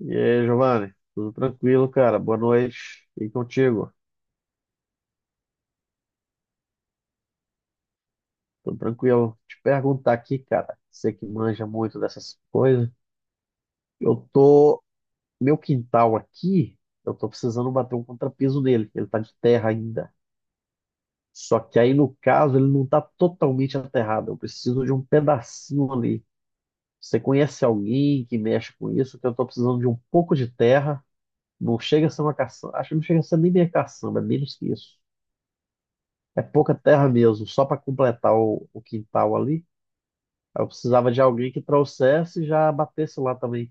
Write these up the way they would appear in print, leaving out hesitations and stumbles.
E aí, Giovanni, tudo tranquilo, cara? Boa noite. E contigo? Tudo tranquilo? Te perguntar aqui, cara, você que manja muito dessas coisas. Eu tô. Meu quintal aqui, eu tô precisando bater um contrapiso nele. Ele tá de terra ainda. Só que aí, no caso, ele não tá totalmente aterrado. Eu preciso de um pedacinho ali. Você conhece alguém que mexe com isso? Que eu tô precisando de um pouco de terra. Não chega a ser uma caçamba. Acho que não chega a ser nem minha caçamba, é menos que isso. É pouca terra mesmo, só para completar o quintal ali. Eu precisava de alguém que trouxesse e já batesse lá também.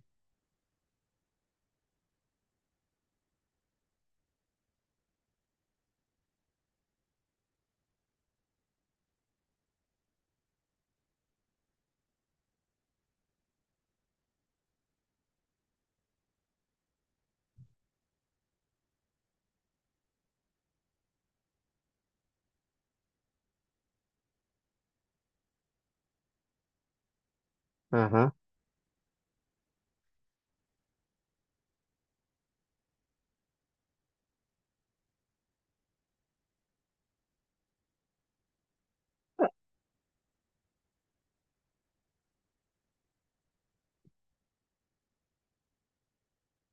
Aham.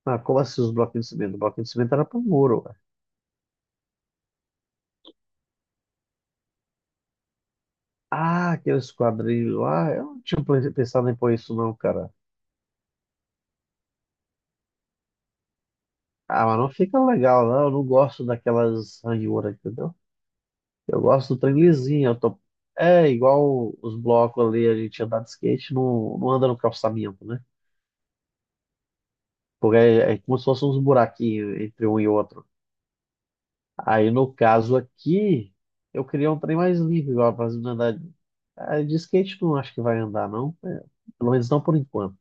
Ah, como assim os bloquinhos de cimento? O bloquinho de cimento era pro muro, ué. Ah, aqueles quadrilhos lá. Eu não tinha pensado em pôr isso não, cara. Ah, mas não fica legal, não. Eu não gosto daquelas ranhuras, entendeu? Eu gosto do trem lisinho. Eu tô. É igual os blocos ali, a gente andar de skate, não, não anda no calçamento, né? Porque é, é como se fossem uns buraquinhos entre um e outro. Aí, no caso aqui, eu queria um trem mais livre, igual pra não andar. De skate não acho que vai andar, não. É, pelo menos não por enquanto.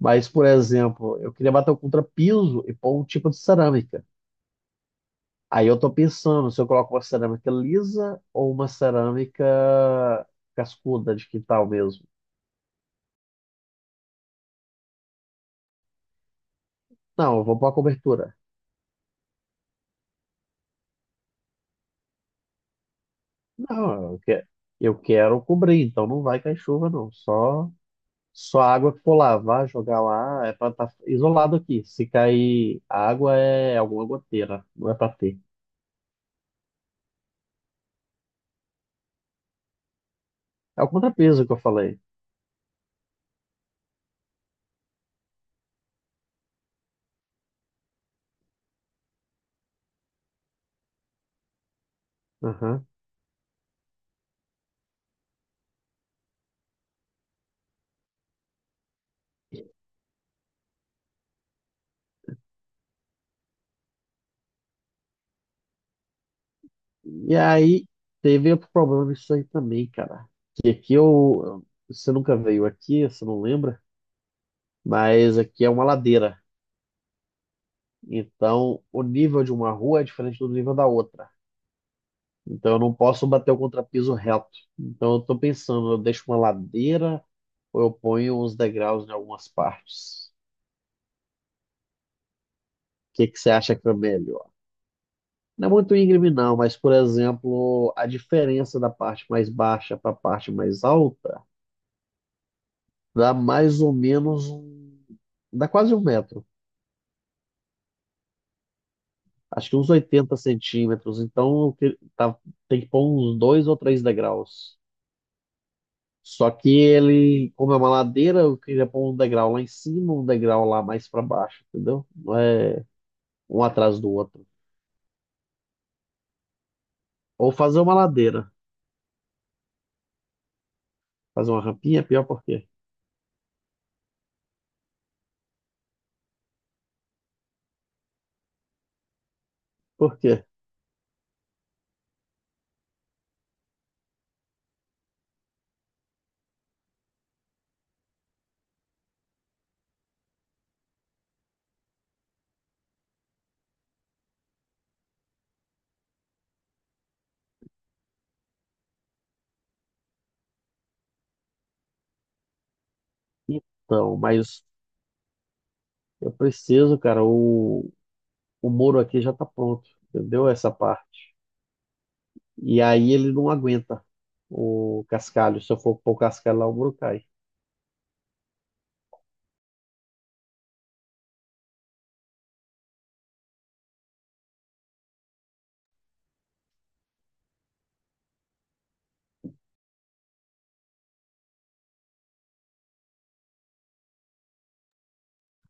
Mas, por exemplo, eu queria bater o contrapiso e pôr um tipo de cerâmica. Aí eu tô pensando se eu coloco uma cerâmica lisa ou uma cerâmica cascuda de quintal mesmo. Não, eu vou pôr a cobertura. Não, eu quero cobrir, então não vai cair chuva, não. Só a água que for lavar, jogar lá, é pra estar isolado aqui. Se cair água, é alguma goteira, não é pra ter. É o contrapeso que eu falei. Aham. E aí, teve outro problema disso aí também, cara. Que aqui eu. Você nunca veio aqui, você não lembra, mas aqui é uma ladeira. Então, o nível de uma rua é diferente do nível da outra. Então, eu não posso bater o contrapiso reto. Então, eu tô pensando, eu deixo uma ladeira ou eu ponho uns degraus em algumas partes. Que você acha que é melhor? Não é muito íngreme, não, mas, por exemplo, a diferença da parte mais baixa para a parte mais alta dá mais ou menos um. Dá quase 1 metro. Acho que uns 80 centímetros. Então, tem que pôr uns dois ou três degraus. Só que ele, como é uma ladeira, eu queria pôr um degrau lá em cima, um degrau lá mais para baixo, entendeu? Não é um atrás do outro. Ou fazer uma ladeira. Fazer uma rampinha é pior por quê? Por quê? Então, mas eu preciso, cara. O Moro aqui já tá pronto, entendeu? Essa parte. E aí ele não aguenta o cascalho. Se eu for pôr o cascalho lá, o Moro cai.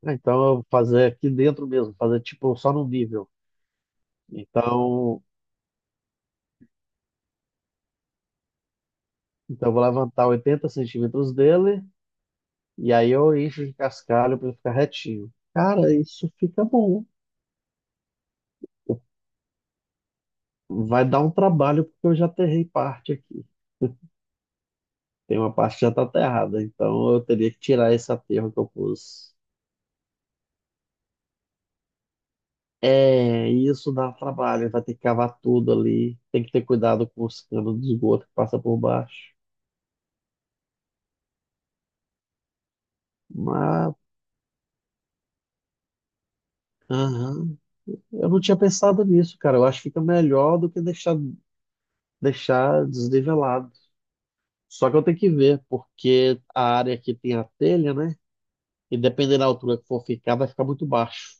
Ah, então eu vou fazer aqui dentro mesmo, fazer tipo só no nível. Então, então, eu vou levantar 80 centímetros dele e aí eu encho de cascalho para ele ficar retinho. Cara, isso fica bom. Vai dar um trabalho porque eu já aterrei parte aqui. Tem uma parte que já tá aterrada, então eu teria que tirar esse aterro que eu pus. É, isso dá trabalho, vai ter que cavar tudo ali. Tem que ter cuidado com os canos de esgoto que passa por baixo. Mas, aham, eu não tinha pensado nisso, cara. Eu acho que fica melhor do que deixar desnivelado. Só que eu tenho que ver, porque a área que tem a telha, né? E dependendo da altura que for ficar, vai ficar muito baixo.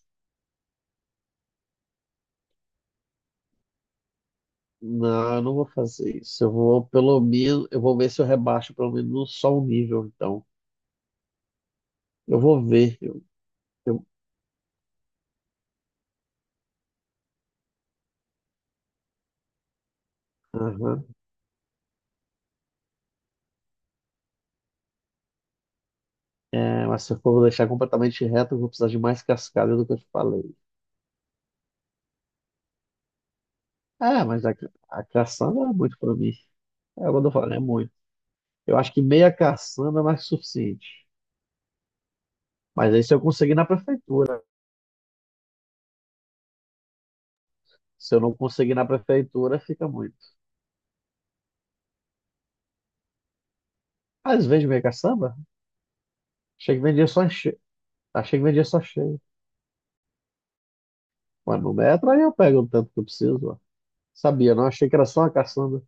Não, eu não vou fazer isso. Eu vou, pelo menos, eu vou ver se eu rebaixo pelo menos só um nível, então. Eu vou ver. Eu, aham. É, mas se eu for deixar completamente reto, eu vou precisar de mais cascalho do que eu te falei. Ah, mas a caçamba é muito pra mim. É quando eu falo, é muito. Eu acho que meia caçamba é mais que suficiente. Mas aí se eu conseguir na prefeitura. Se eu não conseguir na prefeitura, fica muito. Às vezes meia caçamba, achei que vendia só cheio, achei que vendia só cheio. Mas no metro aí eu pego o tanto que eu preciso, ó. Sabia, não? Achei que era só uma caçamba.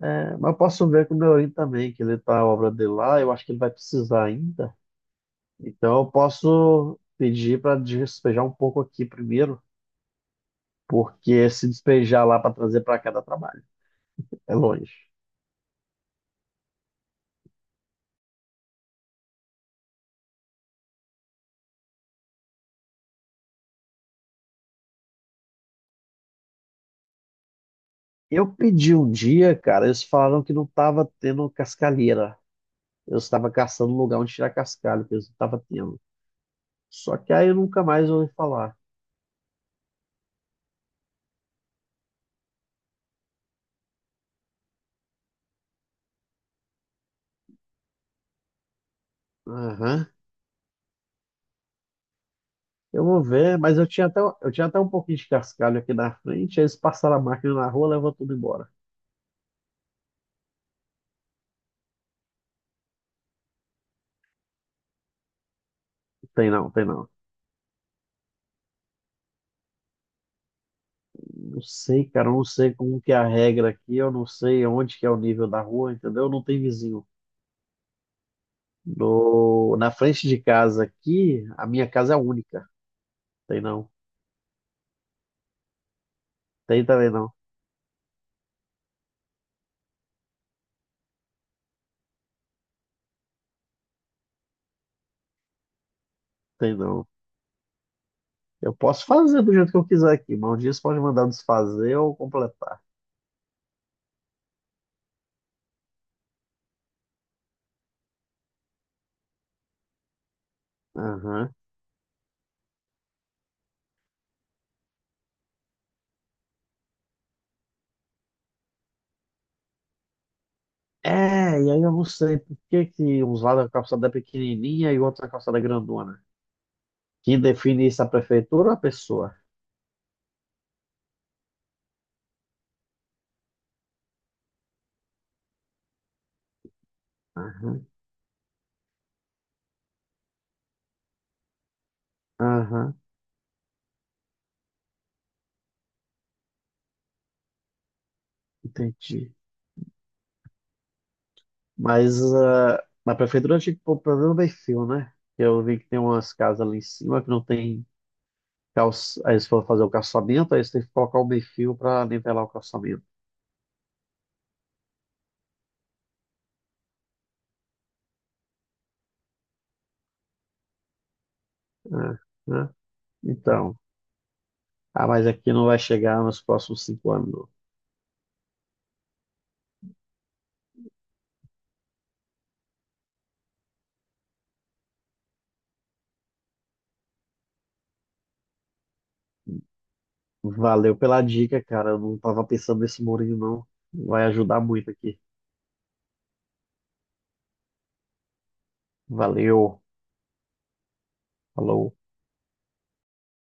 É, mas eu posso ver com o Neorim também, que ele tá a obra dele lá. Eu acho que ele vai precisar ainda. Então eu posso pedir para despejar um pouco aqui primeiro, porque se despejar lá para trazer para cá dá trabalho, é longe. Eu pedi um dia, cara, eles falaram que não estava tendo cascalheira. Eu estava caçando um lugar onde tirar cascalho, que eles não estavam tendo. Só que aí eu nunca mais ouvi falar. Aham. Eu vou ver, mas eu tinha até um pouquinho de cascalho aqui na frente, aí eles passaram a máquina na rua, levou tudo embora. Tem não, tem não. Não sei, cara, eu não sei como que é a regra aqui, eu não sei onde que é o nível da rua, entendeu? Não tem vizinho. No, na frente de casa aqui, a minha casa é única. Tem não. Tem também não. Tem não. Eu posso fazer do jeito que eu quiser aqui, mas um dia você pode mandar desfazer ou completar. Aham. É, e aí eu não sei por que que uns lados a calçada é pequenininha e outros a calçada é grandona. Quem define isso é a prefeitura ou a pessoa? Aham, aham, entendi. Mas na prefeitura tinha que pôr pelo menos meio fio, né? Eu vi que tem umas casas ali em cima que não tem calço. Aí eles foram fazer o calçamento, aí eles têm que colocar o meio fio para nivelar o calçamento. Né? Né? Então, mas aqui não vai chegar nos próximos 5 anos, não. Valeu pela dica, cara. Eu não tava pensando nesse murinho, não. Vai ajudar muito aqui. Valeu. Falou.